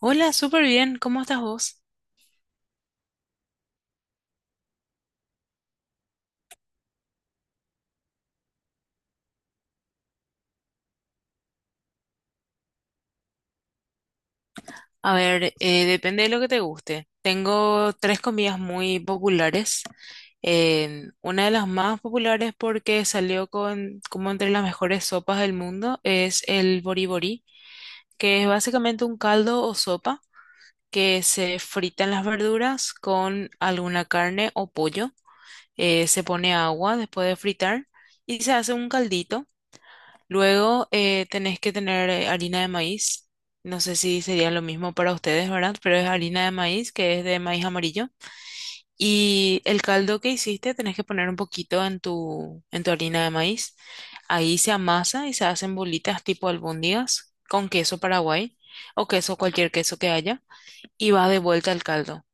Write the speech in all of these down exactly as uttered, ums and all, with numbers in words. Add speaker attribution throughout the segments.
Speaker 1: Hola, súper bien. ¿Cómo estás vos? A ver, eh, depende de lo que te guste. Tengo tres comidas muy populares. Eh, una de las más populares porque salió con, como entre las mejores sopas del mundo, es el boriborí, que es básicamente un caldo o sopa que se fritan las verduras con alguna carne o pollo. Eh, se pone agua después de fritar y se hace un caldito. Luego eh, tenés que tener eh, harina de maíz. No sé si sería lo mismo para ustedes, ¿verdad? Pero es harina de maíz, que es de maíz amarillo. Y el caldo que hiciste tenés que poner un poquito en tu, en tu harina de maíz. Ahí se amasa y se hacen bolitas tipo albóndigas con queso paraguay o queso, cualquier queso que haya. Y va de vuelta al caldo.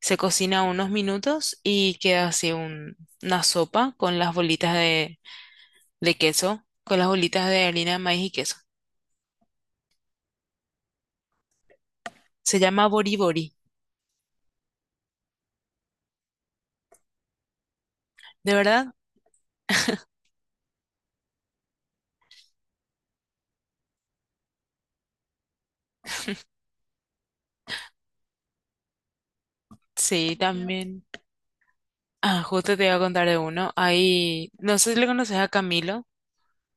Speaker 1: Se cocina unos minutos y queda así un- una sopa con las bolitas de, de queso, con las bolitas de harina de maíz y queso. Se llama Boribori. ¿De verdad? Sí, también. Ah, justo te iba a contar de uno. Ahí, no sé si le conoces a Camilo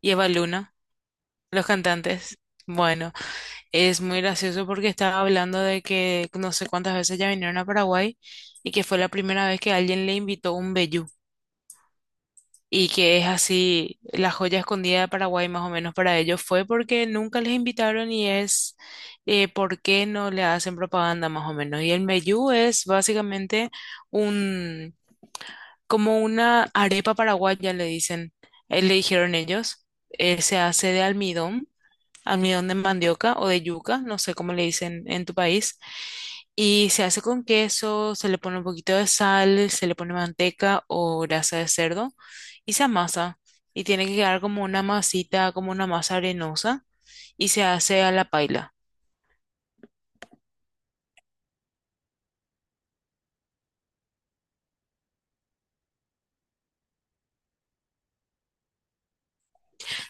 Speaker 1: y Eva Luna, los cantantes. Bueno, es muy gracioso porque estaba hablando de que no sé cuántas veces ya vinieron a Paraguay y que fue la primera vez que alguien le invitó un vellú. Y que es así, la joya escondida de Paraguay más o menos para ellos fue porque nunca les invitaron y es, eh, por qué no le hacen propaganda más o menos. Y el meyú es básicamente un, como una arepa paraguaya, le dicen, eh, le dijeron ellos. Eh, se hace de almidón almidón de mandioca o de yuca, no sé cómo le dicen en tu país. Y se hace con queso, se le pone un poquito de sal, se le pone manteca o grasa de cerdo y se amasa. Y tiene que quedar como una masita, como una masa arenosa, y se hace a la paila.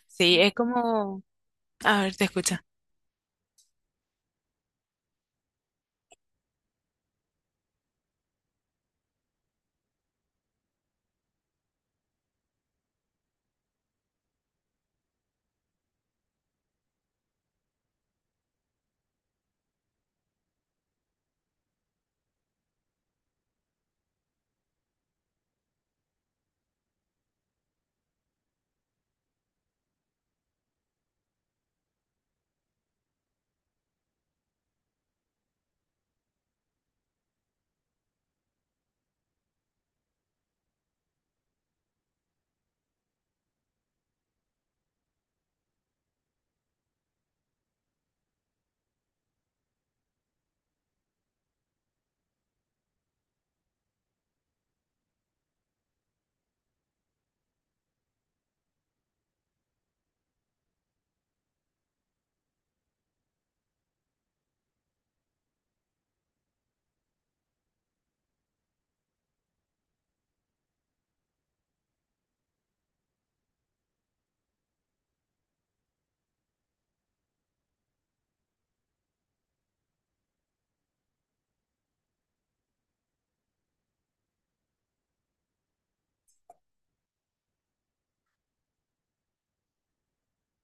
Speaker 1: Sí, es como... A ver, te escucha.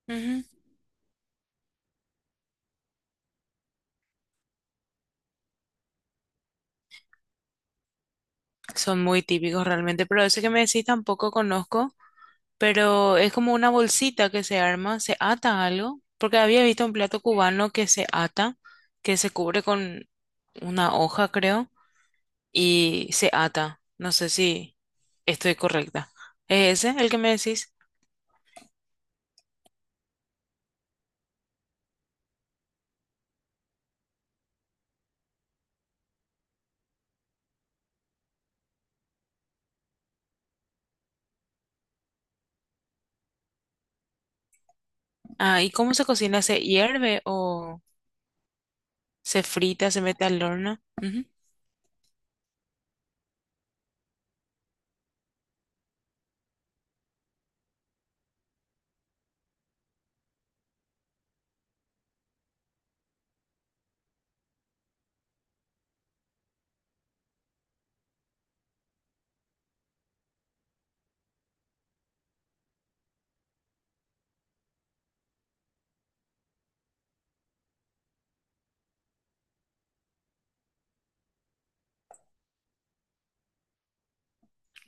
Speaker 1: Ujú. Son muy típicos realmente, pero ese que me decís tampoco conozco. Pero es como una bolsita que se arma, se ata algo, porque había visto un plato cubano que se ata, que se cubre con una hoja, creo, y se ata. No sé si estoy correcta. ¿Es ese el que me decís? Ah, ¿y cómo se cocina? ¿Se hierve o se frita, se mete al horno? Ujú.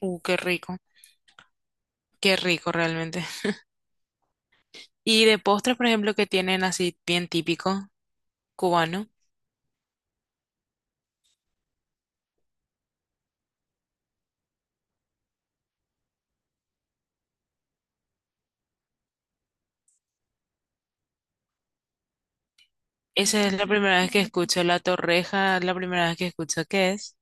Speaker 1: Uh, qué rico, qué rico realmente. Y de postres, por ejemplo, que tienen así bien típico cubano. Esa es la primera vez que escucho la torreja, la primera vez que escucho qué es.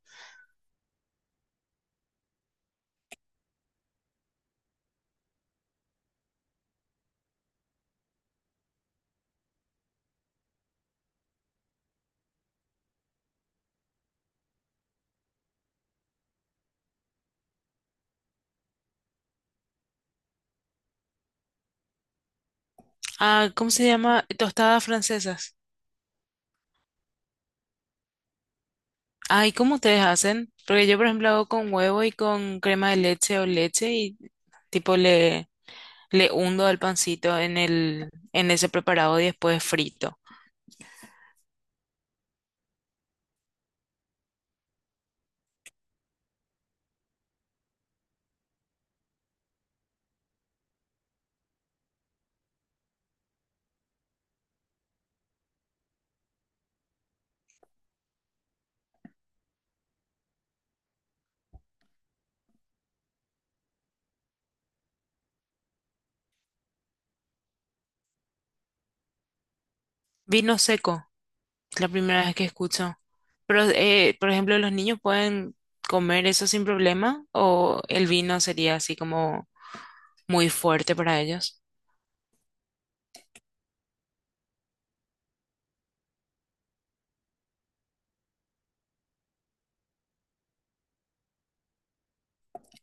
Speaker 1: Ah, ¿cómo se llama? ¿Tostadas francesas? Ay, ¿cómo ustedes hacen? Porque yo, por ejemplo, hago con huevo y con crema de leche o leche y tipo le, le hundo al pancito en el, en ese preparado y después frito. Vino seco, es la primera vez que escucho. Pero, eh, por ejemplo, ¿los niños pueden comer eso sin problema? ¿O el vino sería así como muy fuerte para ellos?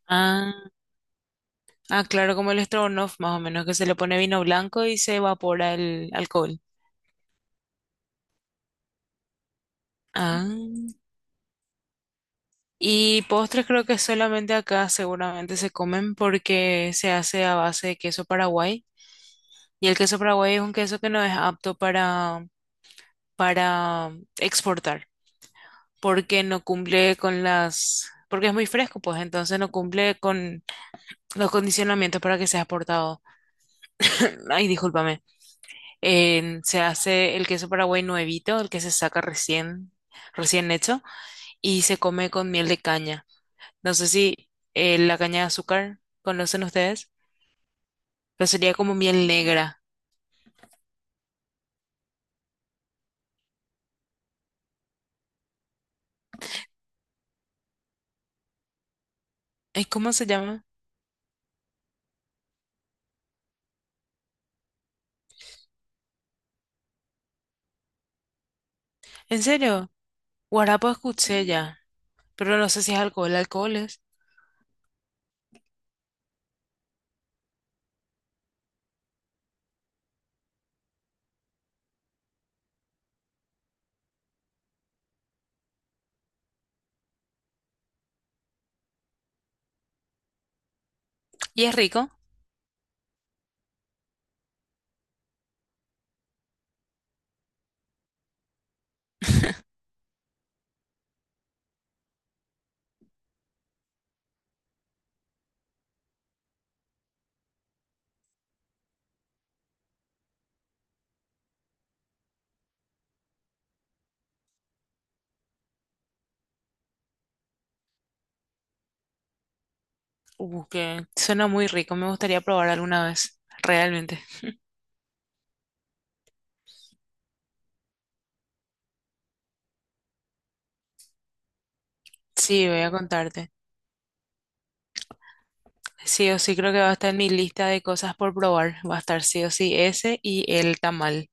Speaker 1: Ah, ah, claro, como el Strogonoff, más o menos, que se le pone vino blanco y se evapora el alcohol. Ah, y postres creo que solamente acá seguramente se comen porque se hace a base de queso Paraguay. Y el queso Paraguay es un queso que no es apto para, para exportar, porque no cumple con las, porque es muy fresco, pues entonces no cumple con los condicionamientos para que sea exportado. Ay, discúlpame. En- se hace el queso Paraguay nuevito, el que se saca recién, recién hecho, y se come con miel de caña. No sé si eh, la caña de azúcar conocen ustedes, pero sería como miel negra. Ay, ¿cómo se llama? ¿En serio? Guarapo escuché ya, pero no sé si es alcohol. Alcohol es. ¿Y es rico? Uh, que suena muy rico. Me gustaría probar alguna vez, realmente. Sí, voy a contarte. Sí o sí creo que va a estar en mi lista de cosas por probar. Va a estar sí o sí ese y el tamal,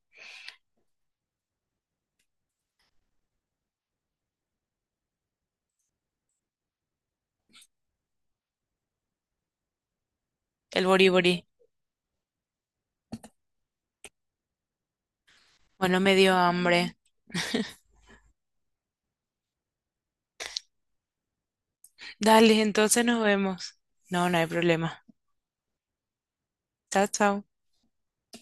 Speaker 1: el boribori. Bueno, me dio hambre. Dale, entonces nos vemos. No, no hay problema. Chao, chao.